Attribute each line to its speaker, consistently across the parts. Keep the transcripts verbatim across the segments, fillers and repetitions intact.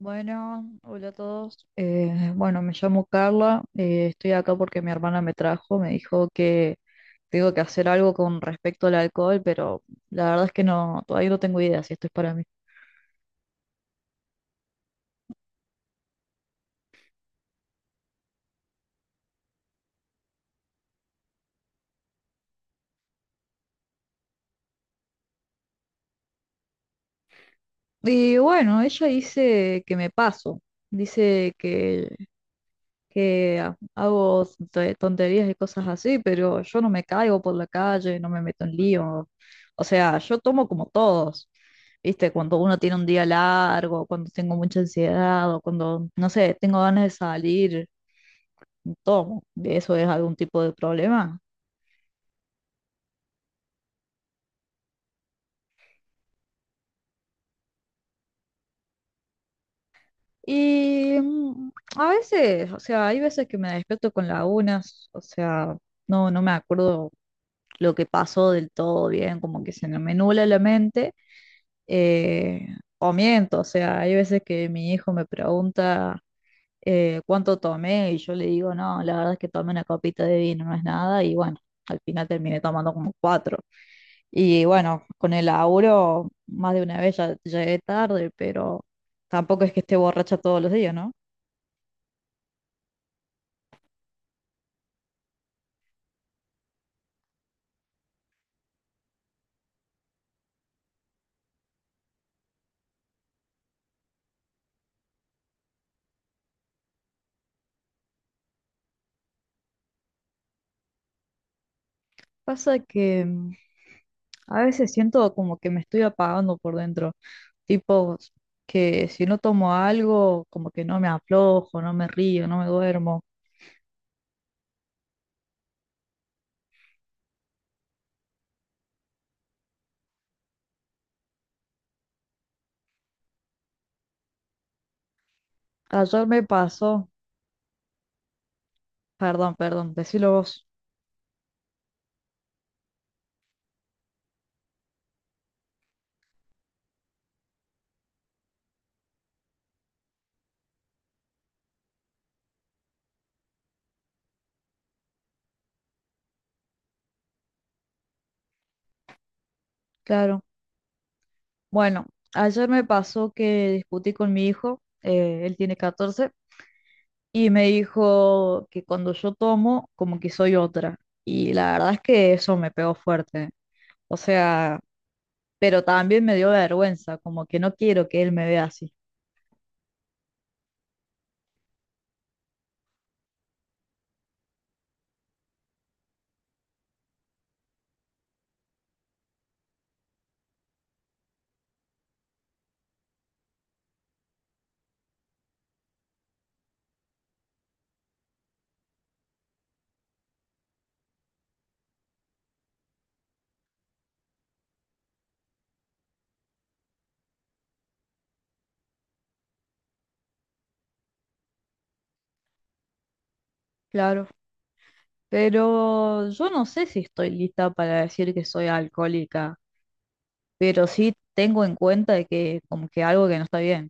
Speaker 1: Bueno, hola a todos. Eh, bueno, Me llamo Carla. Eh, estoy acá porque mi hermana me trajo. Me dijo que tengo que hacer algo con respecto al alcohol, pero la verdad es que no, todavía no tengo idea si esto es para mí. Y bueno, ella dice que me paso. Dice que que ah, hago to- tonterías y cosas así, pero yo no me caigo por la calle, no me meto en lío. O sea, yo tomo como todos, ¿viste? Cuando uno tiene un día largo, cuando tengo mucha ansiedad o cuando, no sé, tengo ganas de salir, tomo. ¿Eso es algún tipo de problema? Y mm, a veces, o sea, hay veces que me despierto con lagunas, o sea, no, no me acuerdo lo que pasó del todo bien, como que se me nubla la mente. eh, o miento, o sea, hay veces que mi hijo me pregunta eh, ¿cuánto tomé? Y yo le digo, no, la verdad es que tomé una copita de vino, no es nada, y bueno, al final terminé tomando como cuatro. Y bueno, con el laburo, más de una vez ya llegué tarde, pero tampoco es que esté borracha todos los días, ¿no? Pasa que mm, a veces siento como que me estoy apagando por dentro, tipo que si no tomo algo, como que no me aflojo, no me río, no me duermo. Ayer me pasó, perdón, perdón, decilo vos, claro. Bueno, ayer me pasó que discutí con mi hijo, eh, él tiene catorce, y me dijo que cuando yo tomo, como que soy otra. Y la verdad es que eso me pegó fuerte. O sea, pero también me dio vergüenza, como que no quiero que él me vea así. Claro, pero yo no sé si estoy lista para decir que soy alcohólica, pero sí tengo en cuenta de que como que algo que no está bien.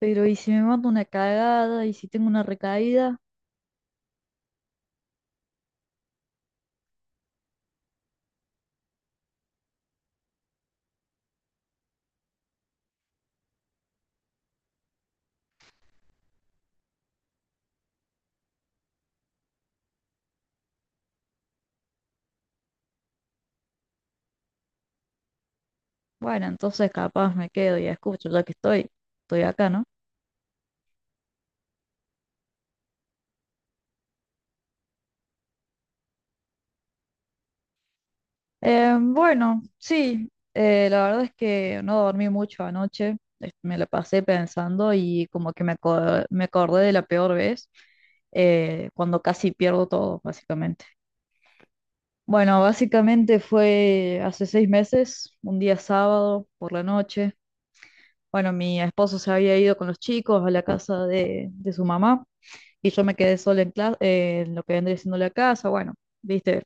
Speaker 1: Pero ¿y si me mando una cagada? ¿Y si tengo una recaída? Bueno, entonces capaz me quedo y escucho, ya que estoy, estoy acá, ¿no? Eh, bueno, sí, eh, la verdad es que no dormí mucho anoche, es- me la pasé pensando y como que me, aco- me acordé de la peor vez, eh, cuando casi pierdo todo, básicamente. Bueno, básicamente fue hace seis meses, un día sábado por la noche. Bueno, mi esposo se había ido con los chicos a la casa de, de su mamá y yo me quedé sola en, cla- eh, en lo que vendría siendo la casa, bueno. Viste,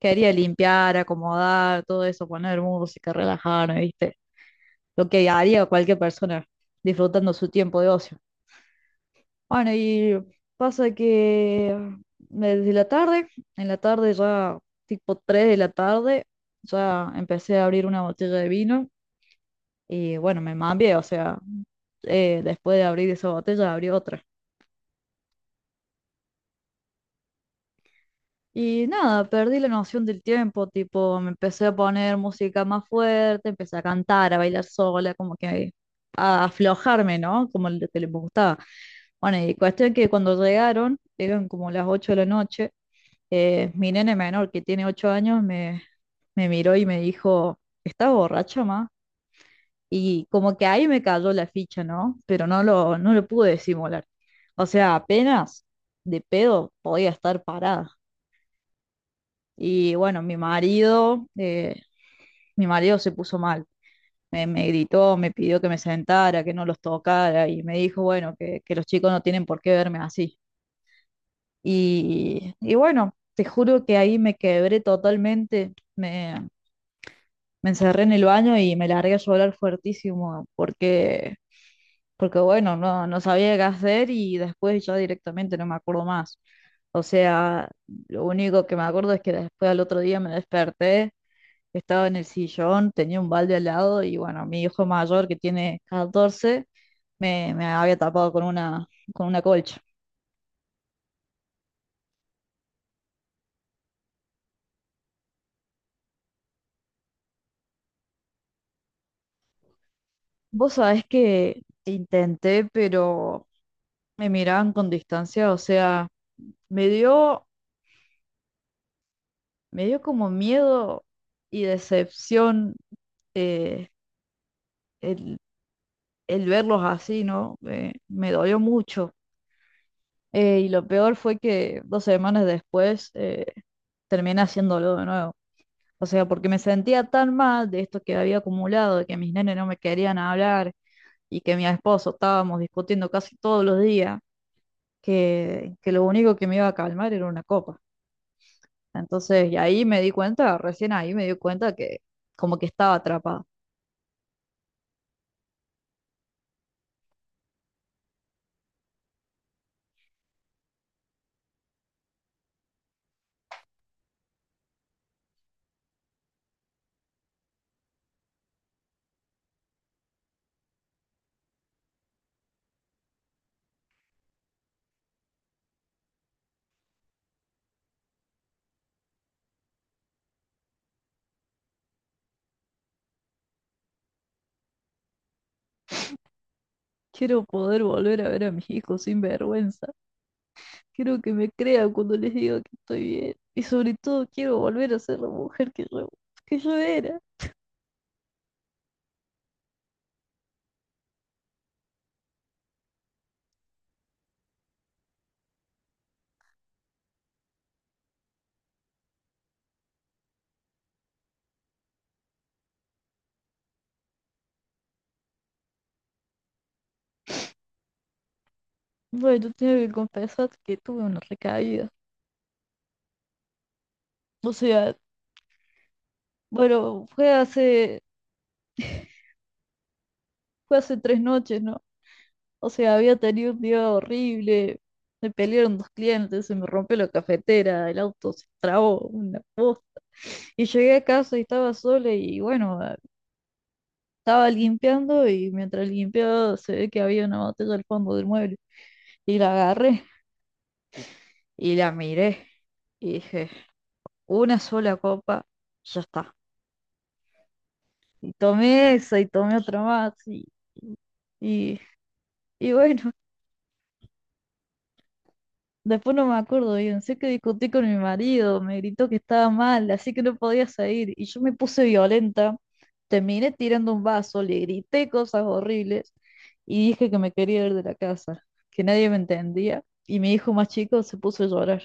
Speaker 1: quería limpiar, acomodar, todo eso, poner música, relajarme, ¿viste? Lo que haría cualquier persona disfrutando su tiempo de ocio. Bueno, y pasa que desde la tarde, en la tarde ya, tipo tres de la tarde, ya empecé a abrir una botella de vino y bueno, me mambié, o sea, eh, después de abrir esa botella, abrí otra. Y nada, perdí la noción del tiempo, tipo, me empecé a poner música más fuerte, empecé a cantar, a bailar sola, como que a aflojarme, ¿no? Como lo que les gustaba. Bueno, y cuestión que cuando llegaron, eran como las ocho de la noche, eh, mi nene menor, que tiene ocho años, me, me miró y me dijo, ¿estás borracha, ma? Y como que ahí me cayó la ficha, ¿no? Pero no lo, no lo pude disimular. O sea, apenas de pedo podía estar parada. Y bueno, mi marido, eh, mi marido se puso mal. Me, me gritó, me pidió que me sentara, que no los tocara y me dijo, bueno, que, que los chicos no tienen por qué verme así. Y, y bueno, te juro que ahí me quebré totalmente. Me, me encerré en el baño y me largué a llorar fuertísimo porque, porque bueno, no, no sabía qué hacer y después yo directamente no me acuerdo más. O sea, lo único que me acuerdo es que después al otro día me desperté, estaba en el sillón, tenía un balde al lado y bueno, mi hijo mayor que tiene catorce me, me había tapado con una, con una colcha. Vos sabés que intenté, pero me miraban con distancia, o sea, me dio, me dio como miedo y decepción, eh, el, el verlos así, ¿no? Eh, me dolió mucho. Eh, y lo peor fue que dos semanas después eh, terminé haciéndolo de nuevo. O sea, porque me sentía tan mal de esto que había acumulado, de que mis nenes no me querían hablar y que mi esposo estábamos discutiendo casi todos los días, que, que lo único que me iba a calmar era una copa. Entonces, y ahí me di cuenta, recién ahí me di cuenta que como que estaba atrapada. Quiero poder volver a ver a mis hijos sin vergüenza. Quiero que me crean cuando les digo que estoy bien. Y sobre todo quiero volver a ser la mujer que yo, que yo era. Bueno, tengo que confesar que tuve una recaída. O sea, bueno, fue hace, fue hace tres noches, ¿no? O sea, había tenido un día horrible. Me pelearon dos clientes, se me rompió la cafetera, el auto se trabó, una posta. Y llegué a casa y estaba sola y bueno, estaba limpiando y mientras limpiaba se ve que había una botella al fondo del mueble. Y la agarré y la miré y dije, una sola copa, ya está. Y tomé esa y tomé otra más y, y, y bueno. Después no me acuerdo bien, sé que discutí con mi marido, me gritó que estaba mal, así que no podía salir, y yo me puse violenta, terminé tirando un vaso, le grité cosas horribles y dije que me quería ir de la casa, que nadie me entendía, y mi hijo más chico se puso a llorar.